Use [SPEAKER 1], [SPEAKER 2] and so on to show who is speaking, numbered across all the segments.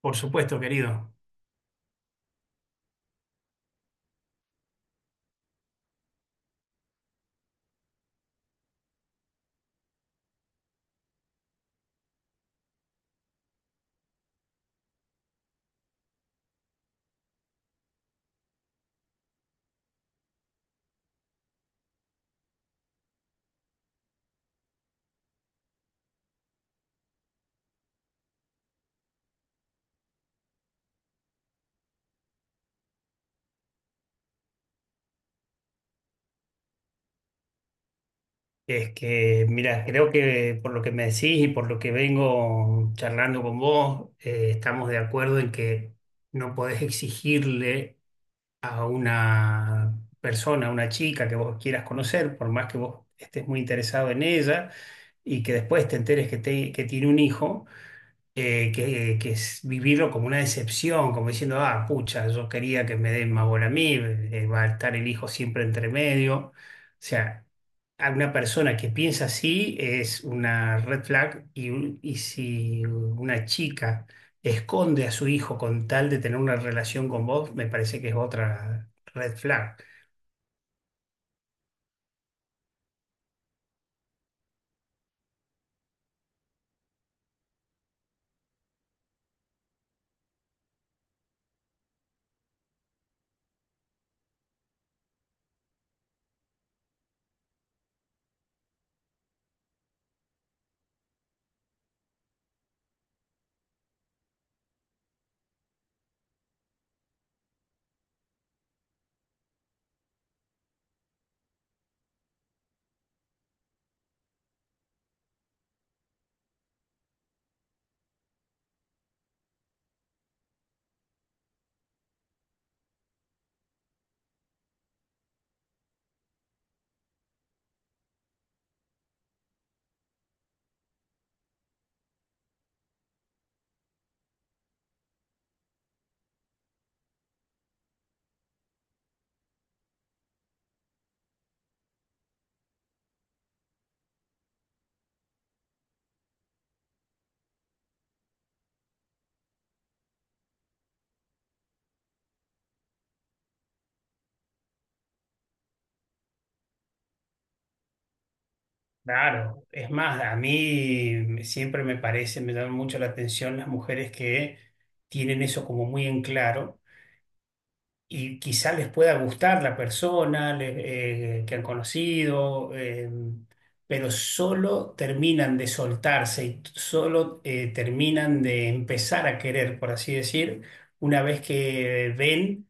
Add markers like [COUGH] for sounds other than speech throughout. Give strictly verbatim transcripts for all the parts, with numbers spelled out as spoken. [SPEAKER 1] Por supuesto, querido. Es que, mira, creo que por lo que me decís y por lo que vengo charlando con vos, eh, estamos de acuerdo en que no podés exigirle a una persona, a una chica que vos quieras conocer, por más que vos estés muy interesado en ella y que después te enteres que, te- que tiene un hijo. eh, que, que es vivirlo como una decepción, como diciendo, ah, pucha, yo quería que me den más bola a mí, eh, va a estar el hijo siempre entre medio. O sea, a una persona que piensa así es una red flag y, un- y si una chica esconde a su hijo con tal de tener una relación con vos, me parece que es otra red flag. Claro, es más, a mí me- siempre me parece, me llaman mucho la atención las mujeres que tienen eso como muy en claro y quizá les pueda gustar la persona le- eh, que han conocido, eh, pero solo terminan de soltarse y t- solo eh, terminan de empezar a querer, por así decir, una vez que ven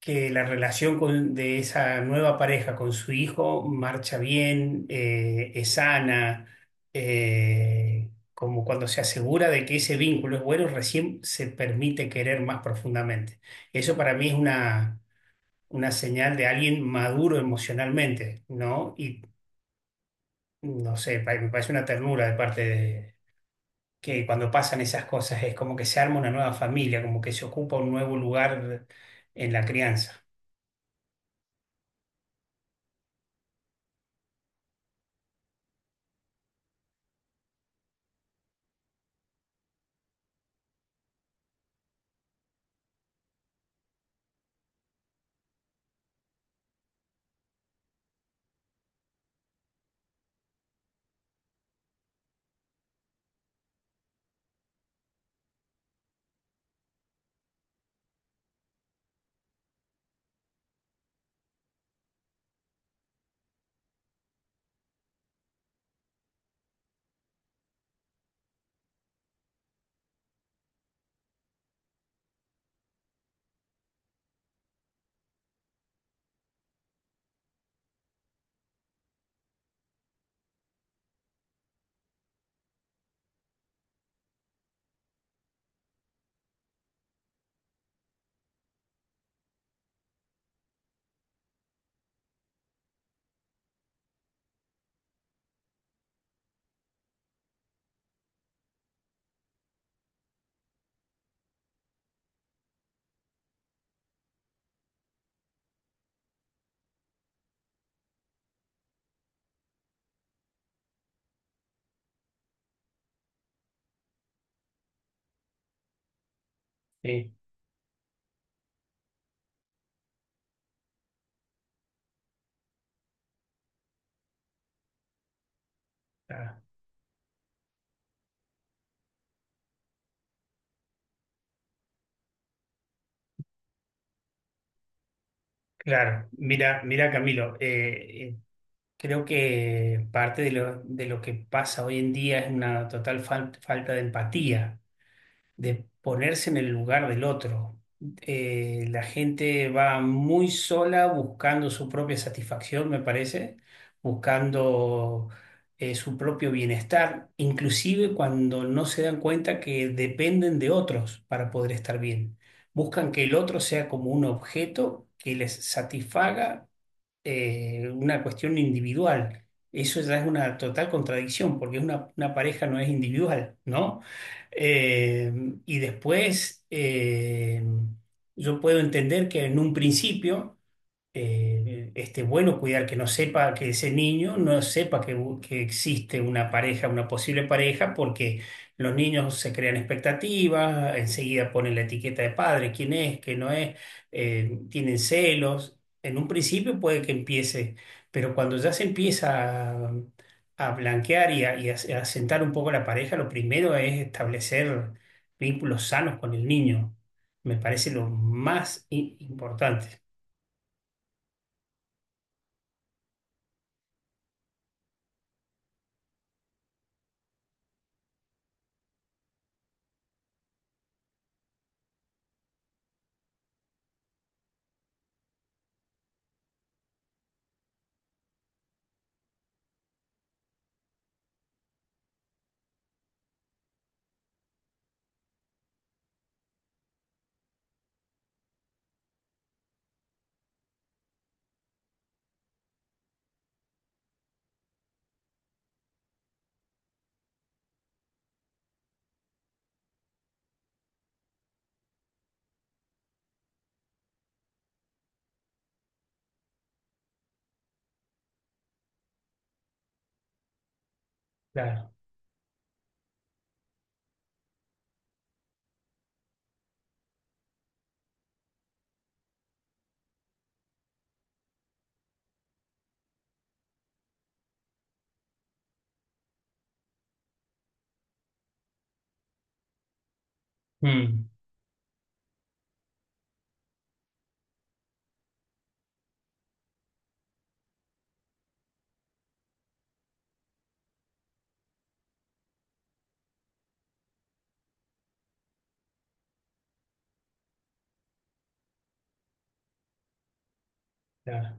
[SPEAKER 1] que la relación con- de esa nueva pareja con su hijo marcha bien, eh, es sana. Eh, como cuando se asegura de que ese vínculo es bueno, recién se permite querer más profundamente. Eso para mí es una, una señal de alguien maduro emocionalmente, ¿no? Y no sé, pa- me parece una ternura de parte de que cuando pasan esas cosas es como que se arma una nueva familia, como que se ocupa un nuevo lugar en la crianza. Sí, ah, claro. Mira, mira, Camilo, eh, eh, creo que parte de lo, de lo que pasa hoy en día es una total fal- falta de empatía, de ponerse en el lugar del otro. Eh, la gente va muy sola buscando su propia satisfacción, me parece, buscando eh, su propio bienestar, inclusive cuando no se dan cuenta que dependen de otros para poder estar bien. Buscan que el otro sea como un objeto que les satisfaga, eh, una cuestión individual. Eso ya es una total contradicción, porque una, una pareja no es individual, ¿no? Eh, y después, eh, yo puedo entender que en un principio eh, esté bueno cuidar que no sepa, que ese niño no sepa que, u- que existe una pareja, una posible pareja, porque los niños se crean expectativas, enseguida ponen la etiqueta de padre, quién es, qué no es, eh, tienen celos. En un principio puede que empiece, pero cuando ya se empieza a, a blanquear y a, y a- a sentar un poco la pareja, lo primero es establecer vínculos sanos con el niño. Me parece lo más i- importante. Claro. Mm, claro,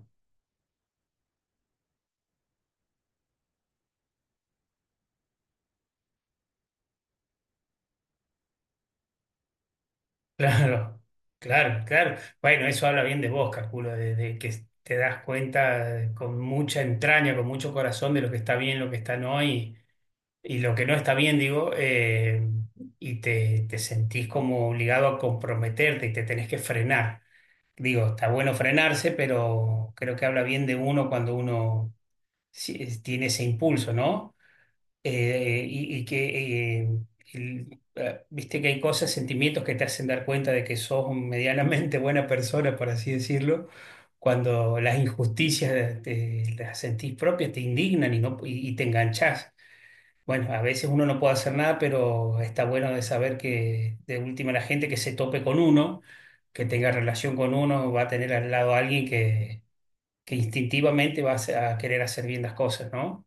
[SPEAKER 1] [LAUGHS] claro, claro, claro. Bueno, eso habla bien de vos, calculo, de, de que te das cuenta con mucha entraña, con mucho corazón de lo que está bien, lo que está no y, y lo que no está bien, digo, eh, y te, te sentís como obligado a comprometerte y te tenés que frenar. Digo, está bueno frenarse, pero creo que habla bien de uno cuando uno sí, tiene ese impulso, ¿no? eh, y, y que, eh, el- eh, Viste que hay cosas, sentimientos que te hacen dar cuenta de que sos medianamente [LAUGHS] buena persona, por así decirlo, cuando las injusticias te- las sentís propias, te indignan y, no, y, y te enganchás. Bueno, a veces uno no puede hacer nada, pero está bueno de saber que de última la gente que se tope con uno, que tenga relación con uno, va a tener al lado a alguien que, que instintivamente va a, hacer- a querer hacer bien las cosas, ¿no?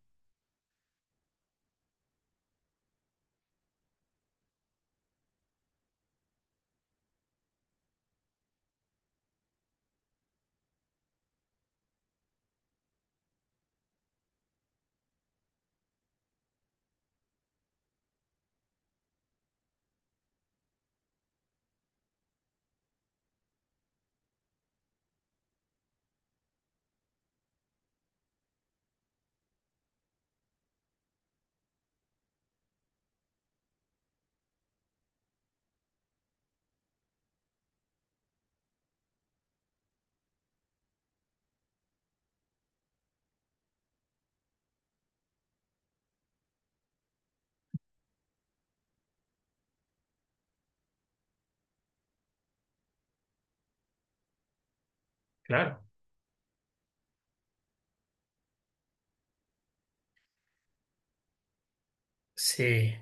[SPEAKER 1] Claro. Sí.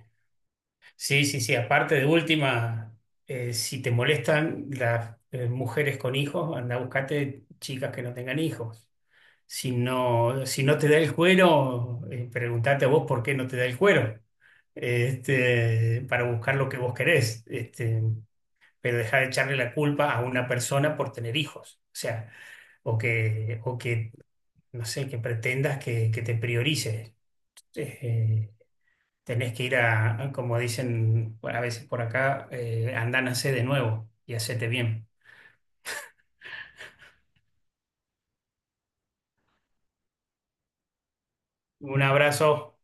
[SPEAKER 1] Sí, sí, sí. Aparte de última, eh, si te molestan las eh, mujeres con hijos, anda a buscarte chicas que no tengan hijos. Si no, si no te da el cuero, eh, preguntate a vos por qué no te da el cuero. Este, para buscar lo que vos querés. Este, pero dejar de echarle la culpa a una persona por tener hijos. O sea, o que, o que, no sé, que pretendas que, que te priorice. eh, Tenés que ir a, a, como dicen a veces por acá, eh, andánase de nuevo y hacete bien. Un abrazo.